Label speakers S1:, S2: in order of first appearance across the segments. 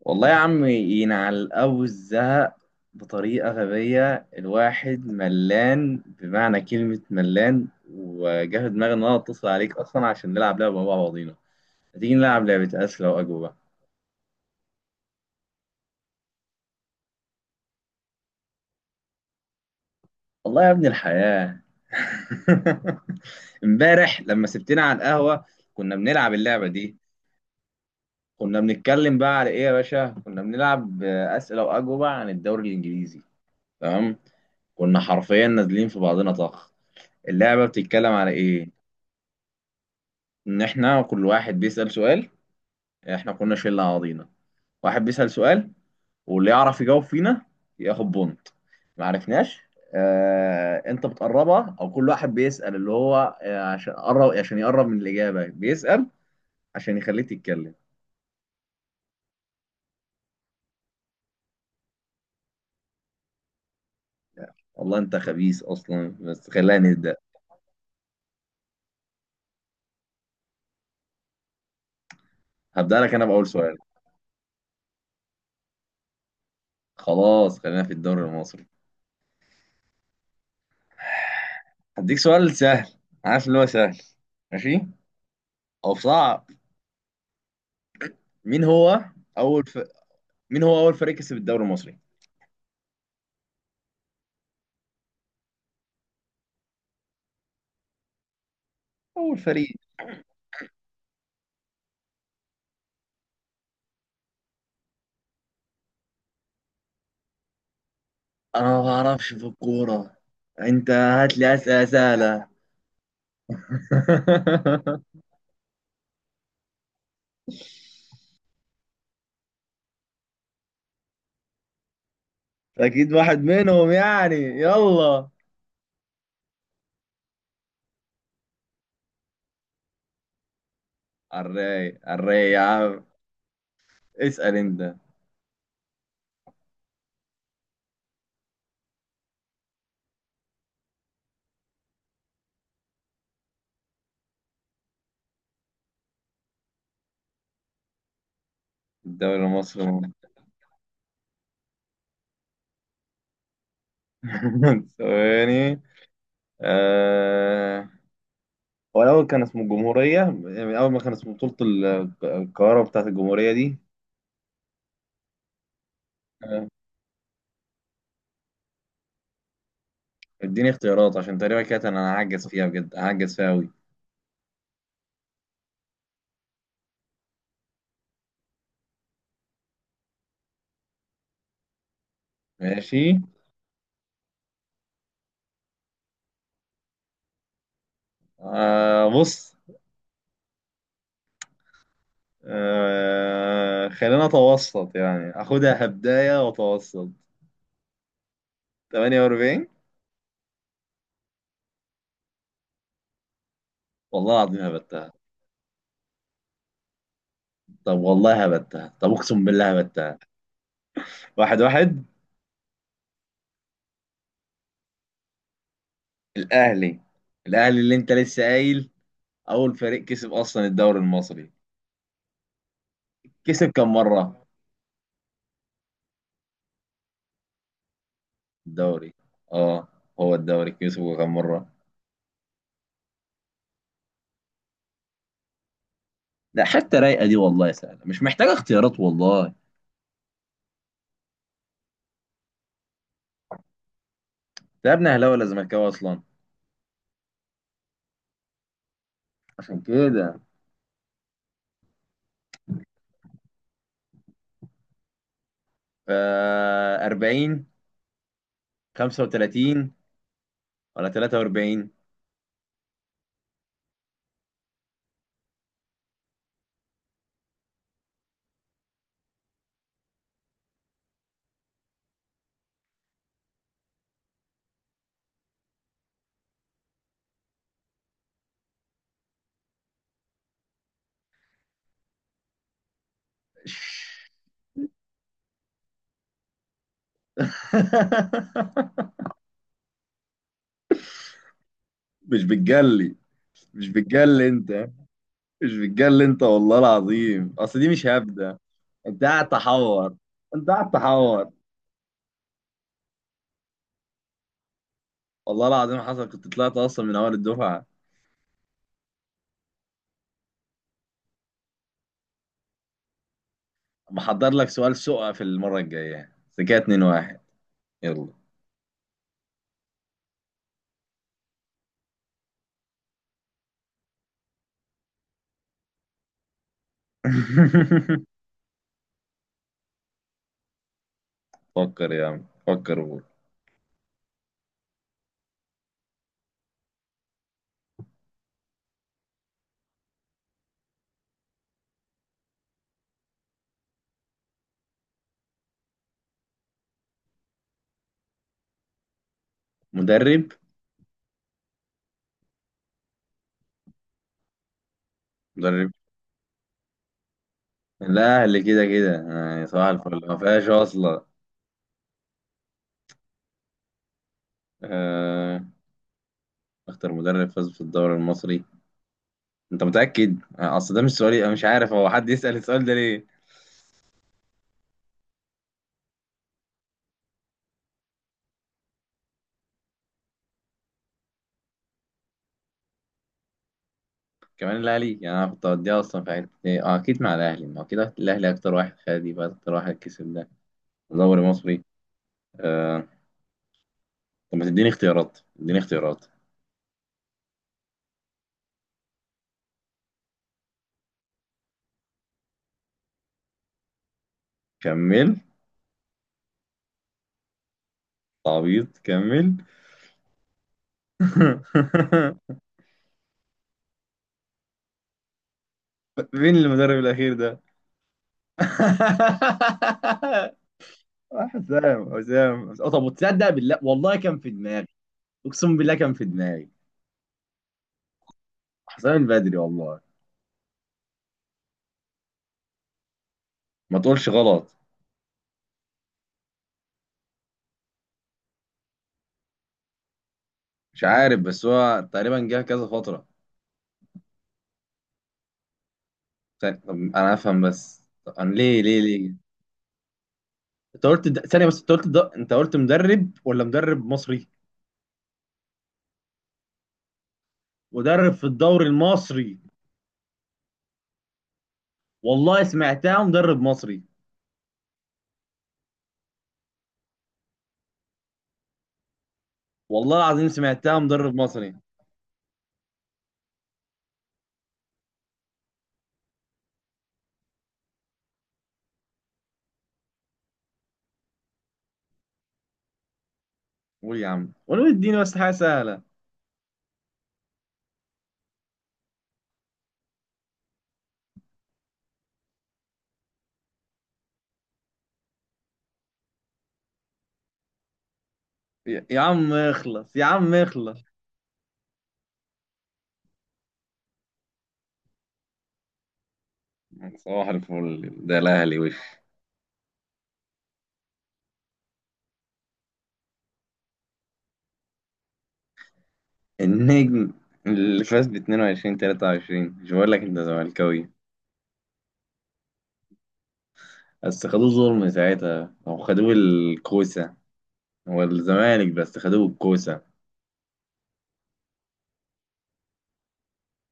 S1: والله يا عم، ينعل أبو الزهق بطريقة غبية. الواحد ملان، بمعنى كلمة ملان. وجه دماغي إن أنا أتصل عليك أصلا عشان نلعب لعبة مع بعضينا. هتيجي نلعب لعبة أسئلة وأجوبة؟ والله يا ابن الحياة. امبارح لما سبتنا على القهوة كنا بنلعب اللعبة دي. كنا بنتكلم بقى على إيه يا باشا؟ كنا بنلعب أسئلة وأجوبة عن الدوري الإنجليزي. تمام. كنا حرفيا نازلين في بعضنا طخ. اللعبة بتتكلم على إيه؟ ان احنا كل واحد بيسأل سؤال. احنا كنا شلة على بعضينا، واحد بيسأل سؤال، واللي يعرف يجاوب فينا ياخد بونت. ما عرفناش. انت بتقربها، او كل واحد بيسأل اللي هو عشان قرب، عشان يقرب من الإجابة، بيسأل عشان يخليك تتكلم. والله انت خبيث اصلا، بس خلينا نبدأ. هبدأ لك انا بأول سؤال. خلاص خلينا في الدوري المصري. هديك سؤال سهل، عارف اللي هو سهل، ماشي، او صعب. مين هو اول ف... مين هو اول فريق كسب الدوري المصري؟ اول فريق. انا ما بعرفش في الكورة. انت هات لي اسئلة سهلة. اكيد واحد منهم يعني، يلا. الراي الراي يا عم. اسأل انت. الدوري المصري. ثواني. آه... هو الأول كان اسمه الجمهورية، يعني أول ما كان اسمه بطولة القارة بتاعت الجمهورية دي. آه، اديني اختيارات عشان تقريبا كده أنا هعجز فيها، بجد هعجز فيها أوي. ماشي. بص، خلينا اتوسط، يعني اخدها كبداية واتوسط. 48. والله العظيم هبتها، طب والله هبتها، طب اقسم بالله هبتها. واحد واحد. الاهلي الاهلي اللي انت لسه قايل، اول فريق كسب اصلا الدوري المصري. كسب كم مرة؟ الدوري، اه، هو الدوري كسبه كم مرة؟ لا حتى رايقة دي، والله سهلة، مش محتاجة اختيارات، والله انت. يا ابن اهلاوي ولا زملكاوي اصلا؟ عشان كده. ف 40، 35، ولا 43؟ مش بتجلي، مش بتجلي انت، مش بتجلي انت والله العظيم، اصل دي مش هبدة. انت قاعد تحور، انت قاعد تحور. والله العظيم حصل، كنت طلعت اصلا من اول الدفعة. محضر لك سؤال سوء في المرة الجاية، بس كده 2-1. يلا. فكر يا عم فكر، قول. مدرب، مدرب. الاهلي كده كده يعني، صباح الفل، ما فيهاش اصلا. آه، اكتر مدرب فاز في الدوري المصري. انت متأكد؟ اصل ده مش سؤالي، انا مش عارف هو حد يسأل السؤال ده ليه. كمان الاهلي، يعني انا كنت هوديها اصلا في حته ايه، اه اكيد مع الاهلي، ما هو كده، الاهلي اكتر واحد خد دي، بقى اكتر واحد كسب ده دوري مصري. آه. طب ما تديني اختيارات، اديني اختيارات. كمل. عبيط، كمل. مين المدرب الاخير ده؟ حسام، حسام، اه. طب وتصدق بالله، والله كان في دماغي، اقسم بالله كان في دماغي، حسام البدري والله. ما تقولش غلط. مش عارف، بس هو تقريبا جه كذا فترة. ثانية، طب أنا أفهم، بس طب أنا ليه ليه ليه؟ ثانية بس، أنت قلت مدرب ولا مدرب مصري؟ مدرب في الدوري المصري. والله سمعتها مدرب مصري. والله العظيم سمعتها مدرب مصري. قول يا عم قول، اديني بس حاجة سهلة. يا عم اخلص، يا عم اخلص. صباح الفل، ده الأهلي وش. النجم اللي فاز ب 22 23؟ مش بقول لك أنت زملكاوي؟ بس خدوه ظلم ساعتها، او خدوه الكوسه. هو الزمالك بس خدوه الكوسه.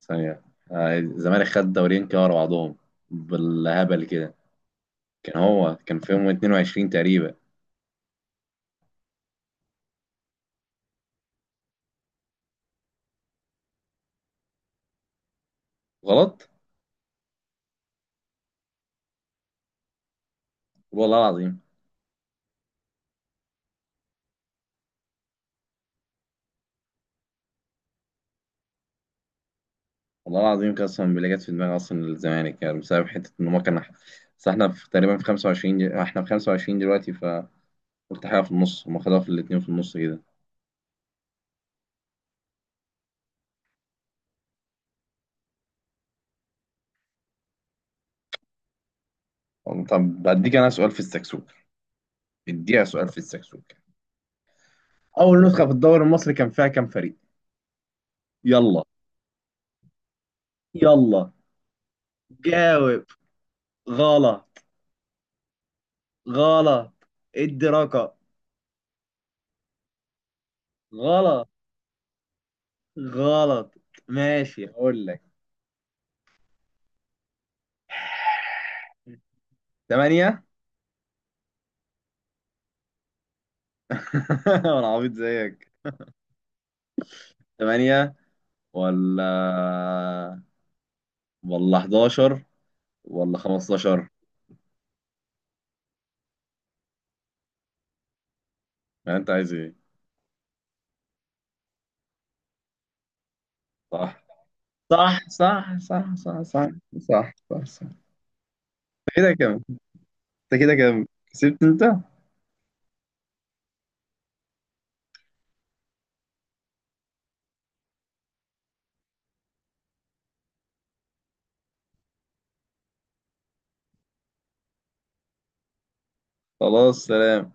S1: ثانيه. آه، الزمالك خد دورين كده ورا بعضهم، بالهبل كده. كان في يوم 22 تقريبا. غلط. والله العظيم. والله العظيم قسما بالله، جت في دماغي اصلا الزمالك، يعني بسبب حته ان هم كان. بس احنا في تقريبا في 25، دي احنا في 25 دلوقتي، فقلت حاجه في النص، هم خدوها في الاتنين في النص كده. طب بديك انا سؤال في السكسوكه، اديها سؤال في السكسوكه. اول نسخه في الدوري المصري كان فيها كام فريق؟ يلا، يلا، جاوب. غلط. غلط، ادي رقم. غلط. غلط، ماشي اقول لك، ثمانية. انا عبيط زيك. ثمانية، ولا ولا 11، ولا 15؟ يعني انت عايز ايه؟ صح، صح، صح، صح، صح، صح، صح، صح، صح. انت كده كام، انت كده كام؟ كسبت انت؟ خلاص، سلام.